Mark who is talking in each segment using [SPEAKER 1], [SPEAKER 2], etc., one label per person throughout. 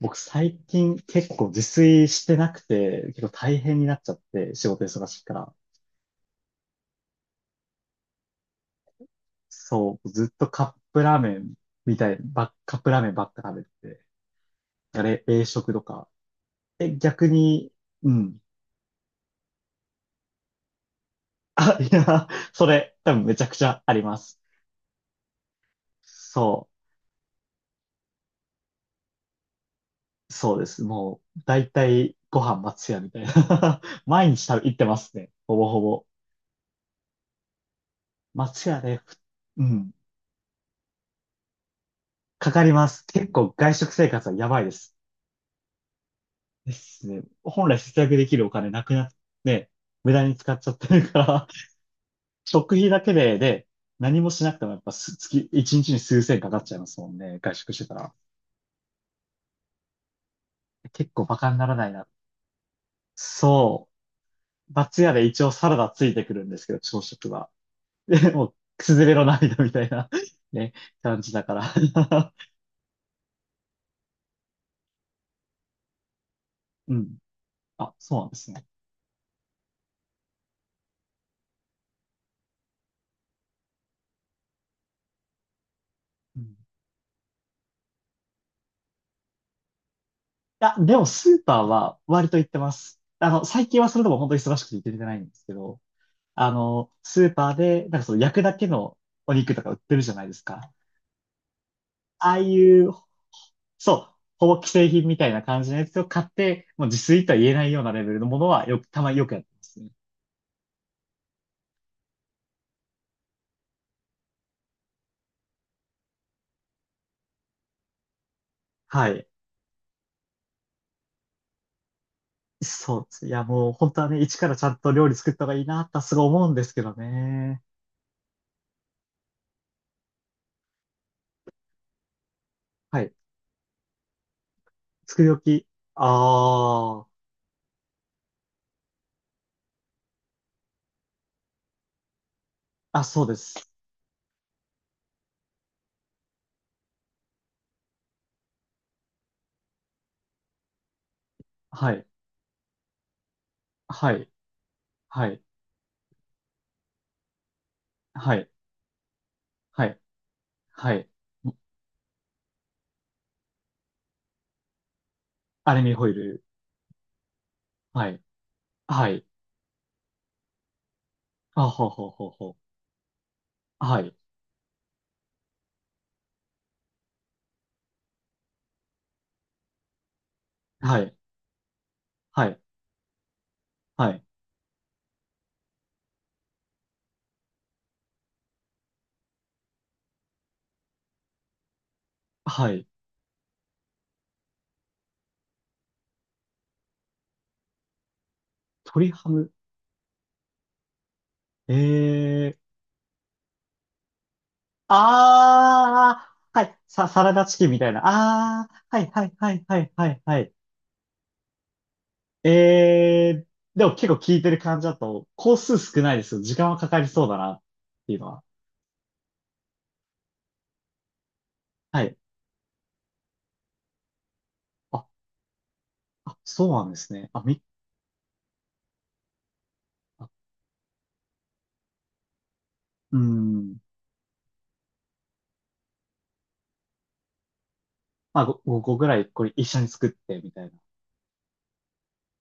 [SPEAKER 1] 僕最近結構自炊してなくて、結構大変になっちゃって、仕事忙しいから。そう、ずっとカップラーメンみたい、ば、カップラーメンばっか食べてて、あれ、冷食とか。え、逆に、うん。それ、多分めちゃくちゃあります。そう、そうです。もう、だいたいご飯松屋みたいな。毎日食べ、行ってますね。ほぼほぼ。松屋で、ふうん。かかります。結構外食生活はやばいです。ですね。本来節約できるお金なくなって、無駄に使っちゃってるから、食費だけで、何もしなくてもやっぱす月、一日に数千かかっちゃいますもんね。外食してたら。結構バカにならないな。そう。松屋で一応サラダついてくるんですけど、朝食は。で、もう、くすずれの涙みたいな ね、感じだから。 うん。あ、そうなんですね。うん。あ、でもスーパーは割と行ってます。あの、最近はそれでも本当に忙しくて行けてないんですけど、あの、スーパーで、なんかその焼くだけのお肉とか売ってるじゃないですか。ああいう、そう、ほぼ既製品みたいな感じのやつを買って、もう自炊とは言えないようなレベルのものはよく、たまによくやってますね。はい。そうです。いや、もう本当はね、一からちゃんと料理作った方がいいなってすごい思うんですけどね。はい。作り置き。ああ。あ、そうです。はい。はい。はい。はい。はい。はい。アルミホイル。はい。はい。あ、ほうほうほうほう。はい。はい、はい、はい、はい。鶏ハム。ええー。ああ、はい、サラダチキンみたいな。ああ、はい、はい、はい、はい、はい、はい。ええー。でも結構効いてる感じだと、工数少ないですよ。時間はかかりそうだな、っていうのは。はい。あ、あ、そうなんですね。あ、うーん。まあ、5、個ぐらい、これ一緒に作って、みたいな。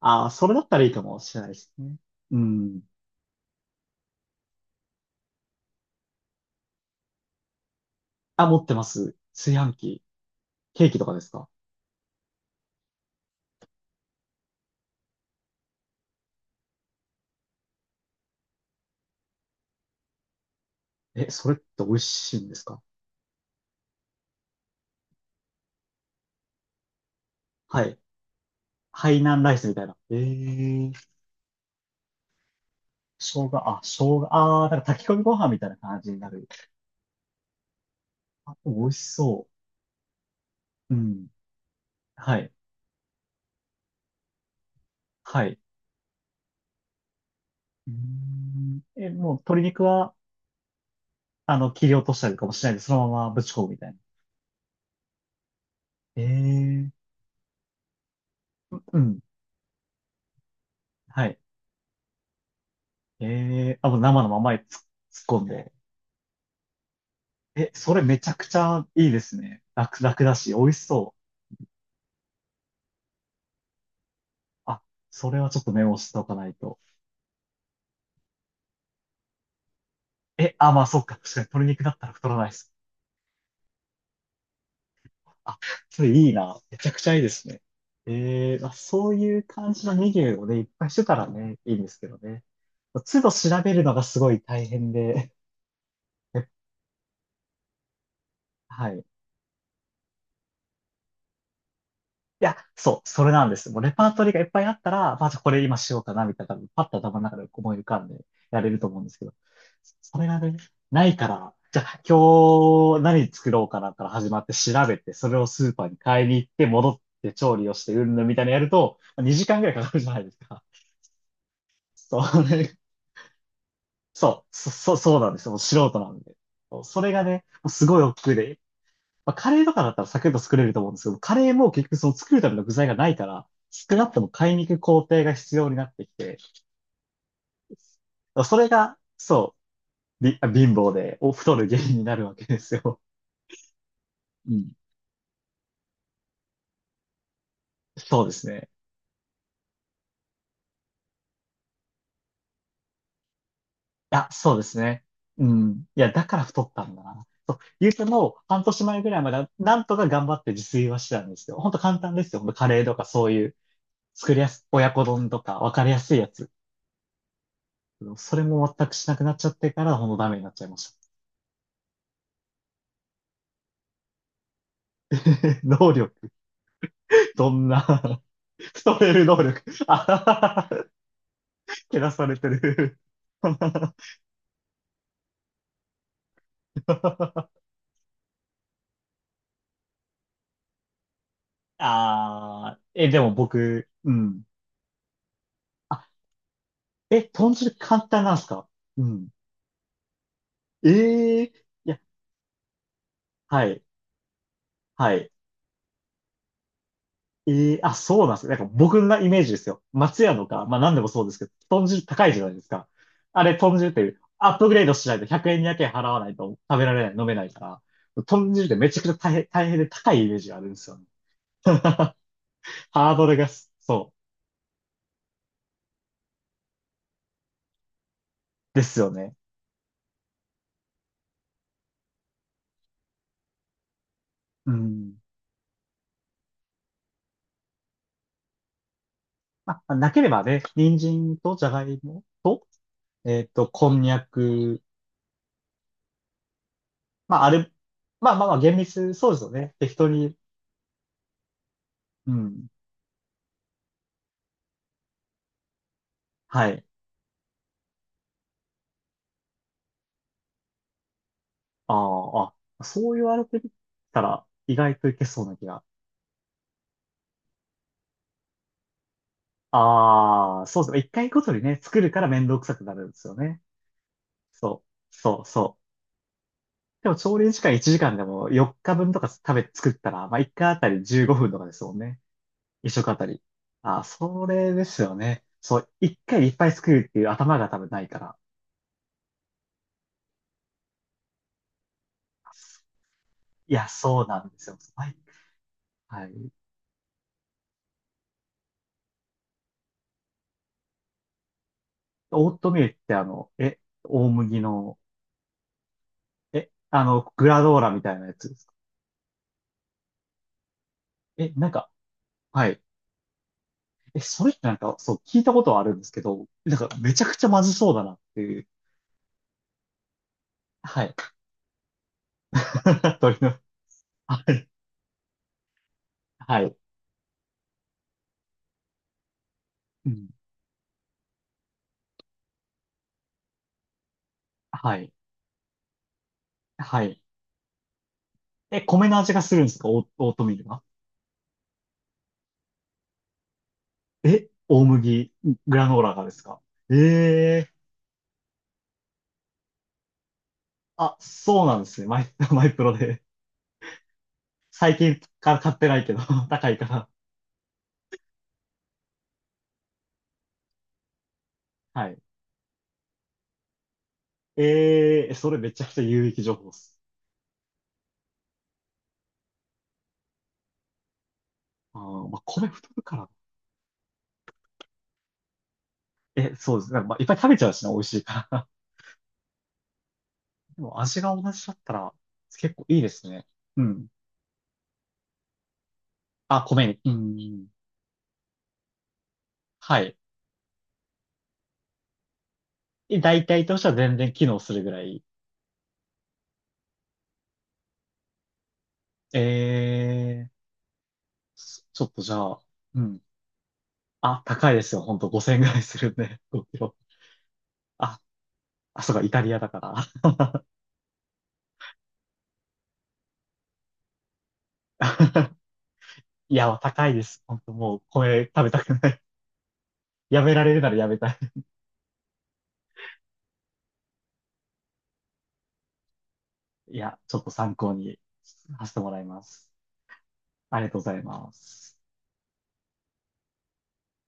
[SPEAKER 1] ああ、それだったらいいかもしれないですね。うん。あ、持ってます。炊飯器。ケーキとかですか？え、それって美味しいんですか？はい。ハイ南ライスみたいな。えー、生姜、あー、なんか炊き込みご飯みたいな感じになる。あ、美味しそう。うん。はい。はい。うーん。え、もう鶏肉は、あの、切り落としたりとかもしないで、そのままぶち込むみたいな。えー、うん。はい。えー、あ、もう生のままに突っ込んで。え、それめちゃくちゃいいですね。楽、楽だし、美味しそう。あ、それはちょっとメモしておかないと。え、あ、まあ、そっか。確かに鶏肉だったら太らないです。あ、それいいな。めちゃくちゃいいですね。えー、まあ、そういう感じのメニューをね、いっぱいしてたらね、いいんですけどね。都度調べるのがすごい大変で、はい。いや、そう、それなんです。もうレパートリーがいっぱいあったら、まあ、じゃあこれ今しようかな、みたいな、多分パッと頭の中で思い浮かんでやれると思うんですけど、それがね、ないから、じゃあ今日何作ろうかなから始まって調べて、それをスーパーに買いに行って戻って調理をして、うんぬんみたいなのやると、2時間ぐらいかかるじゃないですか。それ、そそうなんですよ。もう素人なんで。そうそれがね、もうすごい億劫で、まあ、カレーとかだったらサクッと作れると思うんですけど、カレーも結局その作るための具材がないから、少なくとも買いに行く工程が必要になってきて、それが、そう、貧乏でお太る原因になるわけですよ。うん。そうですね。いや、そうですね。うん。いや、だから太ったんだな。そう、ゆうても半年前ぐらいまではなんとか頑張って自炊はしてたんですよ。ほんと簡単ですよ。ほんとカレーとかそういう作りやす、親子丼とか分かりやすいやつ。それも全くしなくなっちゃってからほんとダメになっちゃいました。能力。どんな、ストレる能力。あー、けなされてる。ああ、え、でも僕、うん。あ、え、豚汁簡単なんですか？うん。ええ、いや、はい、はい。ええ、あ、そうなんですよ。なんか僕のイメージですよ。松屋のか、まあ何でもそうですけど、豚汁高いじゃないですか。あれ、豚汁ってアップグレードしないと100円、に0けん払わないと食べられない、飲めないから、豚汁ってめちゃくちゃ大変で高いイメージがあるんですよね。ハードルがす、そう。ですよね。うん。まあ、なければね、人参とじゃがいもと、えっと、こんにゃく。まあ、あれ、まあまあまあ、厳密、そうですよね。適当に。うん。はい。あー、あ、そう言われてみたら、意外といけそうな気が。ああ、そうですね。一回ごとにね、作るから面倒くさくなるんですよね。そう、そう。でも、調理時間1時間でも4日分とか食べ、作ったら、まあ、1回あたり15分とかですもんね。一食あたり。あ、それですよね。そう、一回でいっぱい作るっていう頭が多分ないから。いや、そうなんですよ。はい。はい。オートミールってあの、え、大麦の、え、あの、グラドーラみたいなやつですか？え、なんか、はい。え、それってなんか、そう、聞いたことはあるんですけど、なんか、めちゃくちゃまずそうだなっていう。はい。鳥の、はい。はい。うん。はい。はい。え、米の味がするんですか？オー、オートミールが。え、大麦、グラノーラがですか？ええ、あ、そうなんですね。マイ、マイプロで。最近から買ってないけど、高いから。はい。ええ、それめちゃくちゃ有益情報です。あー、まあ、米太るから。え、そうですね。まあ、いっぱい食べちゃうしな、美味しいから。でも味が同じだったら、結構いいですね。うん。あ、米に。うん。はい。え、大体としては全然機能するぐらい。ええ、ちょっとじゃあ、うん。あ、高いですよ。ほんと5000円ぐらいするんで、5キロ。あ、あ、そうか、イタリアだから。いや、高いです。ほんともう、これ食べたくない。やめられるならやめたい。いや、ちょっと参考にさせてもらいます。ありがとうございます。